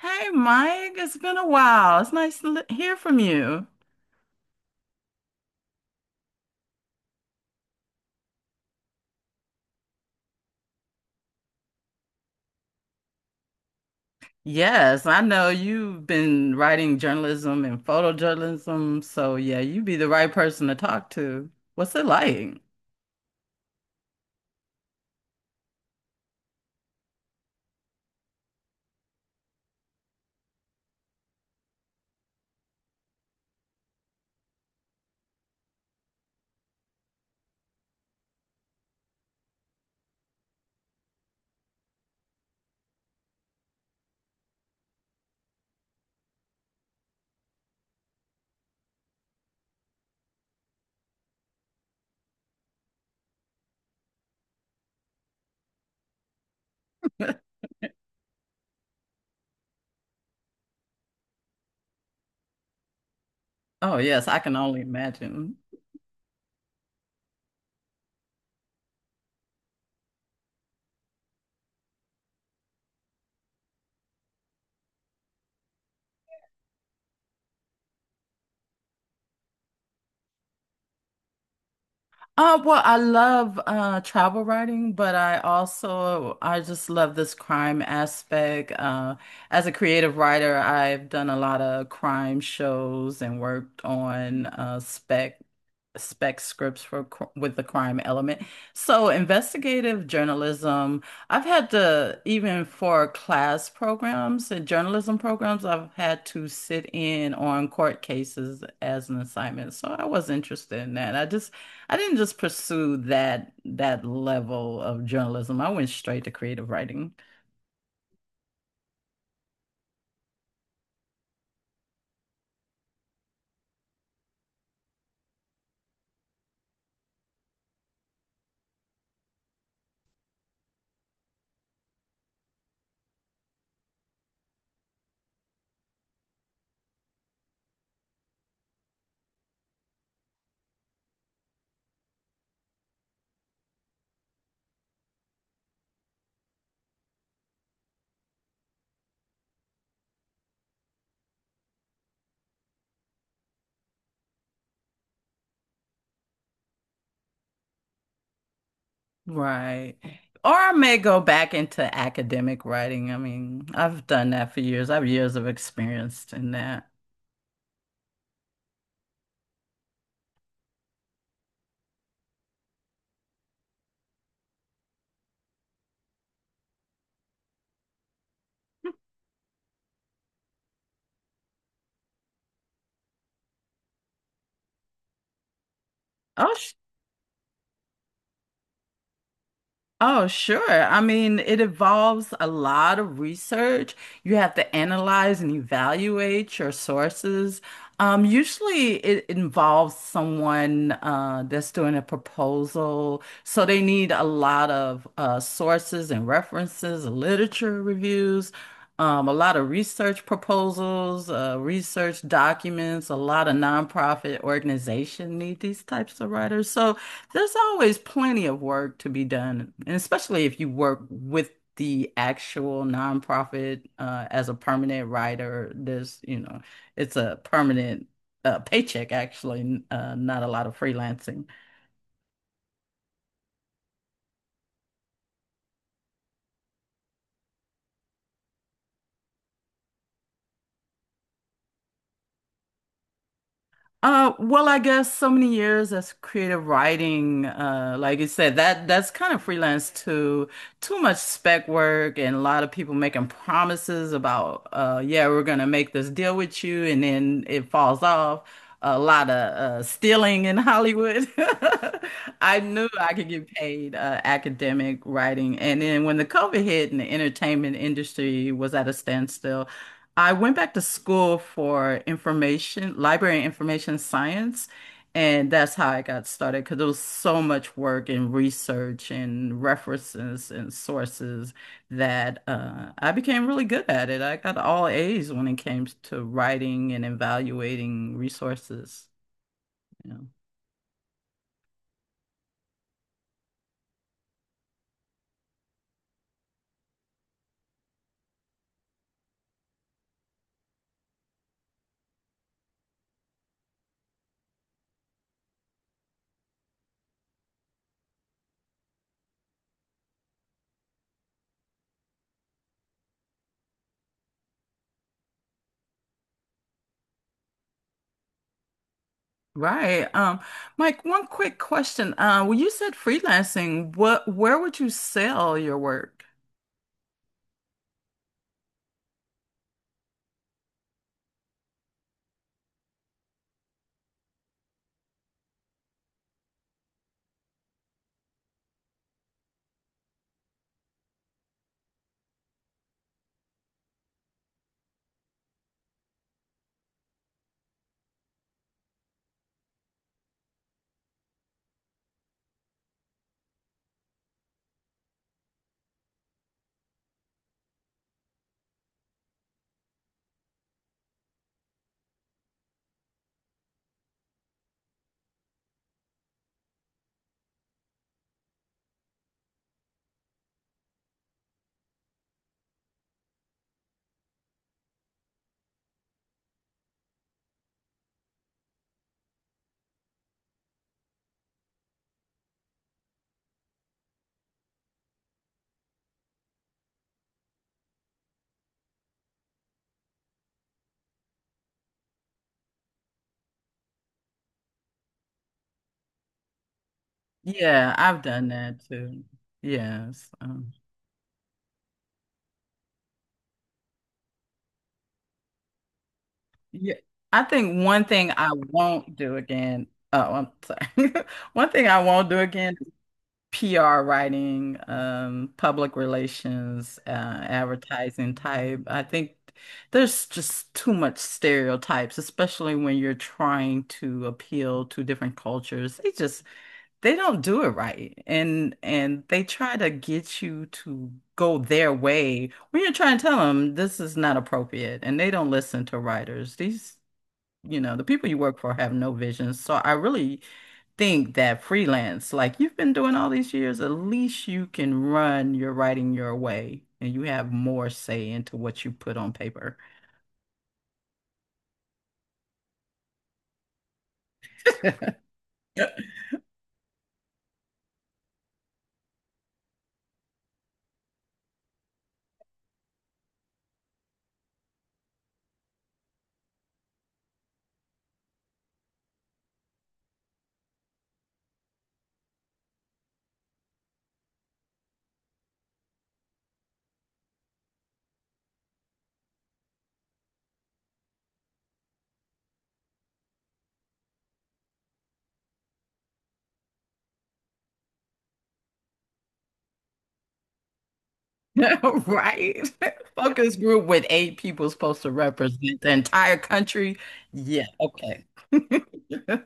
Hey, Mike, it's been a while. It's nice to hear from you. Yes, I know you've been writing journalism and photojournalism, so yeah, you'd be the right person to talk to. What's it like? Oh, yes, I can only imagine. Well, I love travel writing, but I just love this crime aspect. As a creative writer, I've done a lot of crime shows and worked on Spec scripts for with the crime element. So investigative journalism, I've had to, even for class programs and journalism programs, I've had to sit in on court cases as an assignment. So I was interested in that. I didn't just pursue that level of journalism. I went straight to creative writing. Right. Or I may go back into academic writing. I mean, I've done that for years. I have years of experience in that. Oh, Oh, sure. I mean, it involves a lot of research. You have to analyze and evaluate your sources. Usually, it involves someone that's doing a proposal. So they need a lot of sources and references, literature reviews, a lot of research proposals, research documents. A lot of nonprofit organizations need these types of writers. So, there's always plenty of work to be done, and especially if you work with the actual nonprofit as a permanent writer. It's a permanent paycheck actually, not a lot of freelancing. Well, I guess so many years as creative writing, like you said, that that's kind of freelance too. Too much spec work and a lot of people making promises about, yeah, we're gonna make this deal with you, and then it falls off. A lot of stealing in Hollywood. I knew I could get paid academic writing, and then when the COVID hit and the entertainment industry was at a standstill. I went back to school for information, library and information science, and that's how I got started because there was so much work and research and references and sources that I became really good at it. I got all A's when it came to writing and evaluating resources. Yeah. Right. Mike, one quick question. When you said freelancing, where would you sell your work? Yeah, I've done that too. Yes. Yeah. I think one thing I won't do again. Oh, I'm sorry. One thing I won't do again is PR writing, public relations, advertising type. I think there's just too much stereotypes, especially when you're trying to appeal to different cultures. They don't do it right. And they try to get you to go their way when you're trying to tell them this is not appropriate. And they don't listen to writers. The people you work for have no vision. So I really think that freelance, like you've been doing all these years, at least you can run your writing your way and you have more say into what you put on paper. Yep. Right. Focus group with eight people supposed to represent the entire country. Yeah, okay.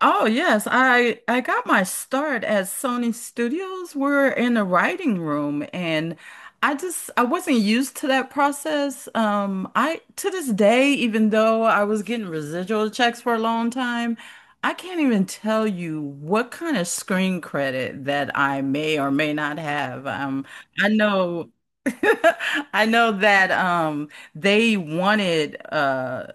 Oh yes, I got my start at Sony Studios. We're in the writing room and I wasn't used to that process. I to this day, even though I was getting residual checks for a long time, I can't even tell you what kind of screen credit that I may or may not have. I know. I know that they wanted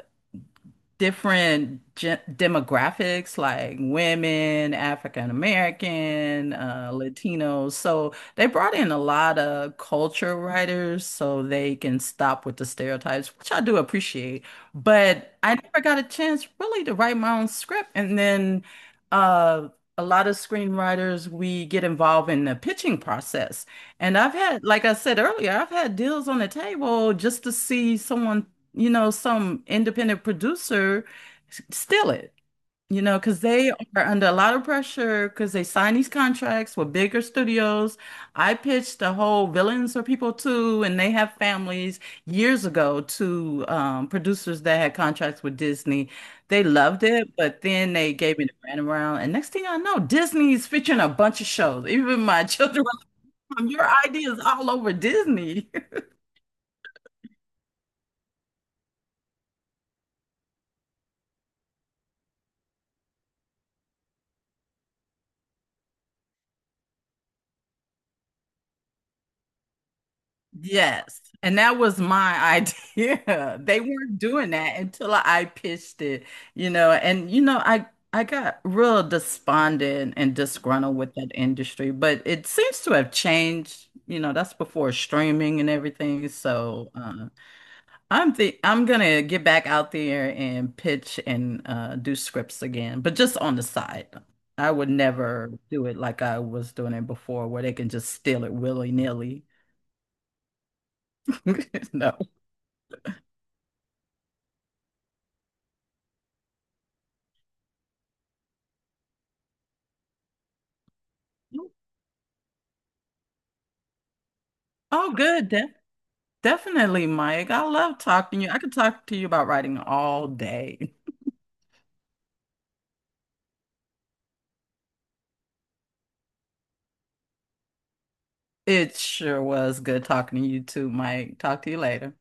different gen demographics like women, African American, Latinos. So they brought in a lot of culture writers so they can stop with the stereotypes, which I do appreciate. But I never got a chance really to write my own script. And then uh, a lot of screenwriters, we get involved in the pitching process. And I've had, like I said earlier, I've had deals on the table just to see someone, some independent producer steal it, because they are under a lot of pressure because they sign these contracts with bigger studios. I pitched the whole Villains for People Too, and they have families years ago to producers that had contracts with Disney. They loved it, but then they gave me the runaround. And next thing I know, Disney's featuring a bunch of shows. Even my children were like, "Your ideas all over Disney." Yes. And that was my idea. They weren't doing that until I pitched it, and I got real despondent and disgruntled with that industry, but it seems to have changed. That's before streaming and everything. So I'm gonna get back out there and pitch and do scripts again, but just on the side. I would never do it like I was doing it before, where they can just steal it willy-nilly. No. Oh, good. De definitely, Mike. I love talking to you. I could talk to you about writing all day. It sure was good talking to you too, Mike. Talk to you later.